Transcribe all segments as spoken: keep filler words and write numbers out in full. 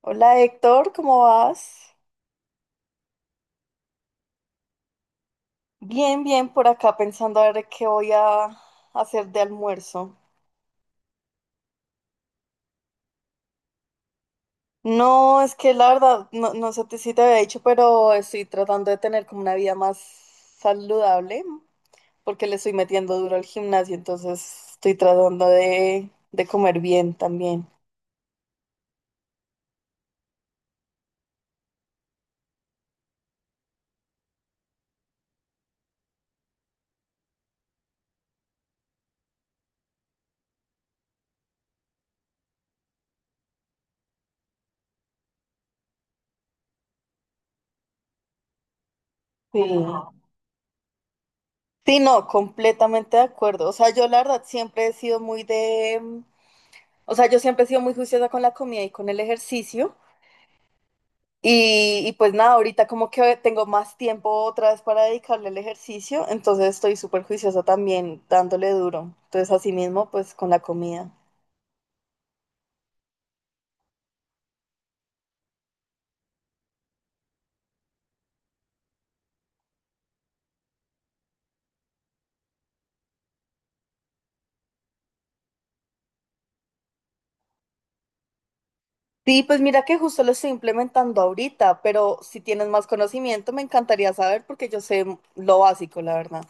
Hola Héctor, ¿cómo vas? Bien, bien, por acá pensando a ver qué voy a hacer de almuerzo. No, es que la verdad, no, no sé te- si te había dicho, pero estoy tratando de tener como una vida más saludable, porque le estoy metiendo duro al gimnasio, entonces estoy tratando de, de comer bien también. Sí. Sí, no, completamente de acuerdo. O sea, yo la verdad siempre he sido muy de, o sea, yo siempre he sido muy juiciosa con la comida y con el ejercicio. Y, y pues nada, ahorita como que tengo más tiempo otra vez para dedicarle al ejercicio, entonces estoy súper juiciosa también dándole duro. Entonces así mismo pues con la comida. Sí, pues mira que justo lo estoy implementando ahorita, pero si tienes más conocimiento me encantaría saber porque yo sé lo básico, la verdad.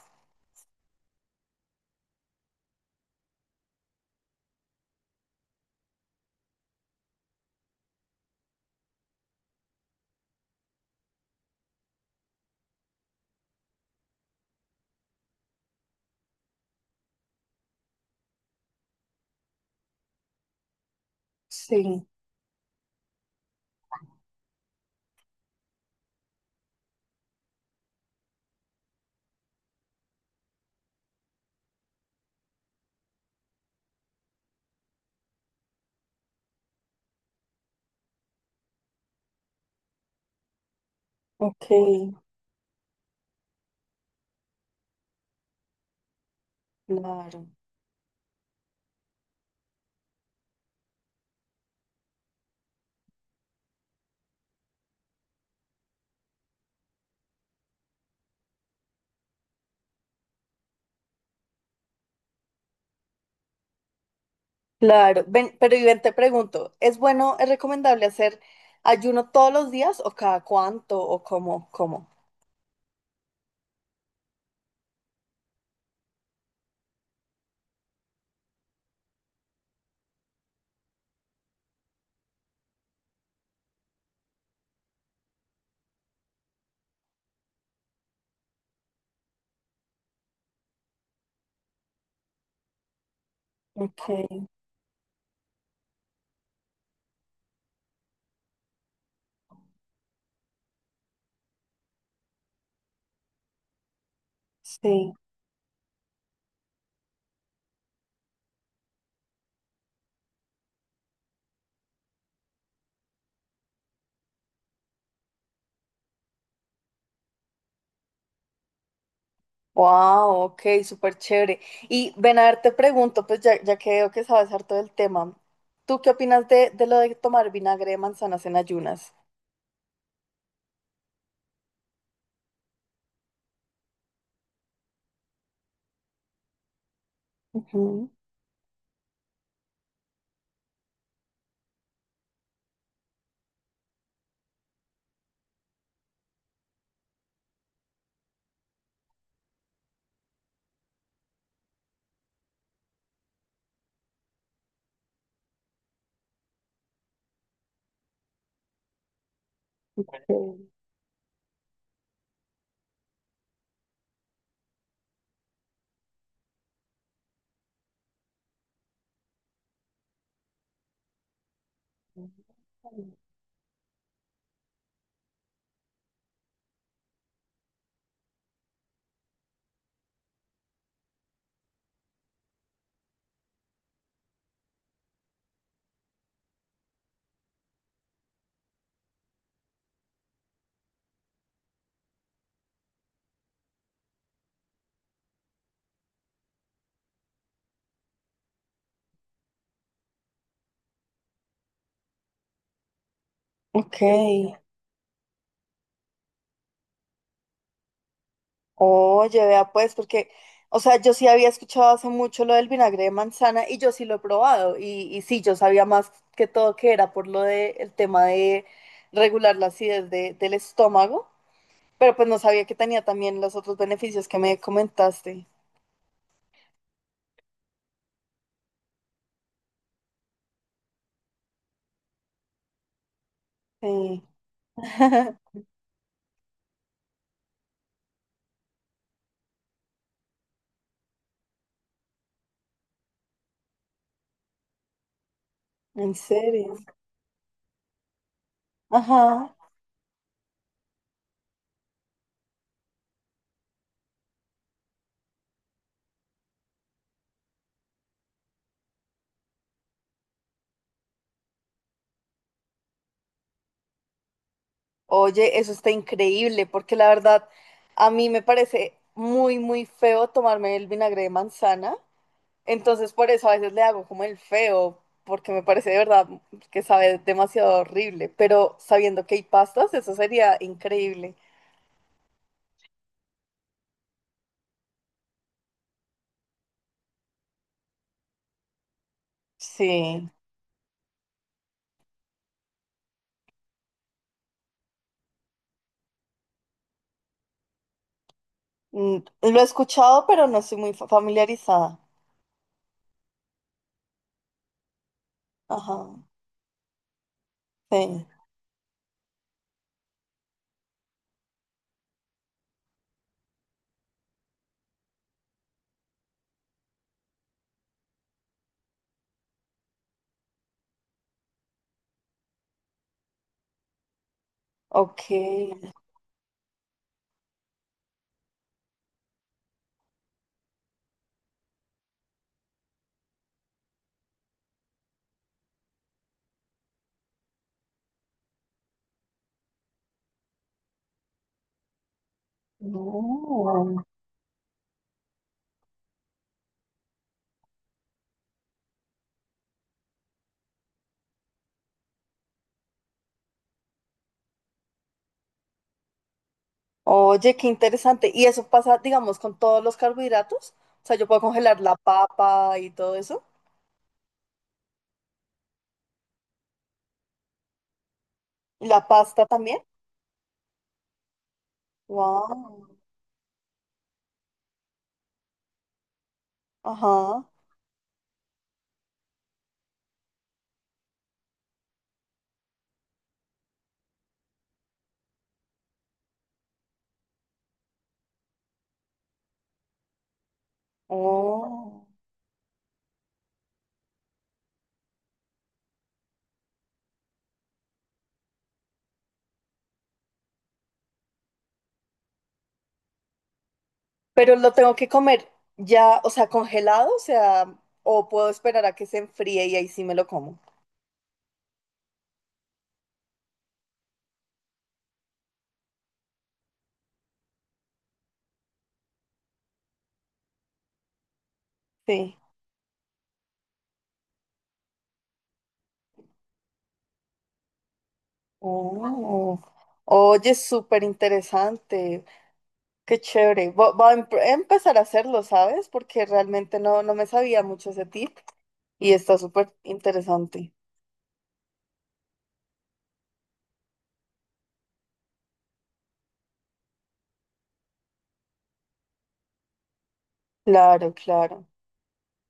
Sí, ok, claro. Claro, ven, pero y ven, te pregunto, ¿es bueno, es recomendable hacer ayuno todos los días o cada cuánto o cómo, cómo? Ok, sí. Wow, ok, súper chévere. Y ven a ver, te pregunto, pues ya, ya que veo que sabes harto del tema, ¿tú qué opinas de, de lo de tomar vinagre de manzanas en ayunas? Ujú. Ok. Ok. Oye, vea pues, porque, o sea, yo sí había escuchado hace mucho lo del vinagre de manzana y yo sí lo he probado y, y sí, yo sabía más que todo que era por lo de el tema de regular la acidez de- del estómago, pero pues no sabía que tenía también los otros beneficios que me comentaste. Sí. ¿En serio? Ajá. Oye, eso está increíble, porque la verdad a mí me parece muy, muy feo tomarme el vinagre de manzana. Entonces por eso a veces le hago como el feo, porque me parece de verdad que sabe demasiado horrible. Pero sabiendo que hay pastas, eso sería increíble. Sí. Mm, lo he escuchado, pero no estoy muy fa- familiarizada. Ajá. Sí. Ok. No. Oye, qué interesante. Y eso pasa, digamos, con todos los carbohidratos. O sea, yo puedo congelar la papa y todo eso. ¿Y la pasta también? Wow. Ajá. Oh. Pero lo tengo que comer ya, o sea, congelado, o sea, o puedo esperar a que se enfríe y ahí sí me lo como. Sí. Oh. Oye, súper interesante. Qué chévere. Vo- Voy a em- empezar a hacerlo, ¿sabes? Porque realmente no, no me sabía mucho ese tip y está súper interesante. Claro, claro.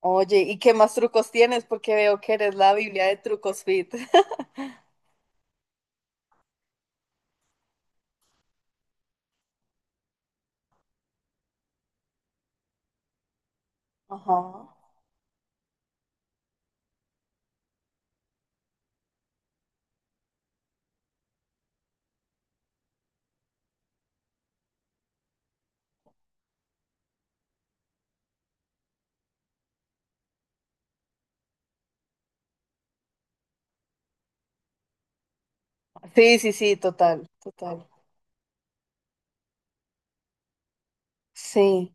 Oye, ¿y qué más trucos tienes? Porque veo que eres la Biblia de trucos fit. Ajá. Sí, sí, sí, total, total. Sí.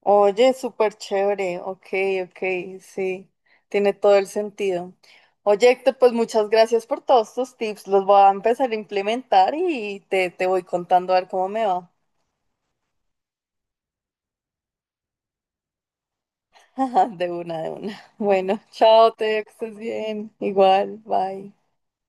Oye, súper chévere. Ok, ok, sí. Tiene todo el sentido. Oye, Héctor, pues muchas gracias por todos tus tips. Los voy a empezar a implementar y te, te voy contando a ver cómo me va. De una, de una. Bueno, chao, te, veo que estés bien. Igual, bye.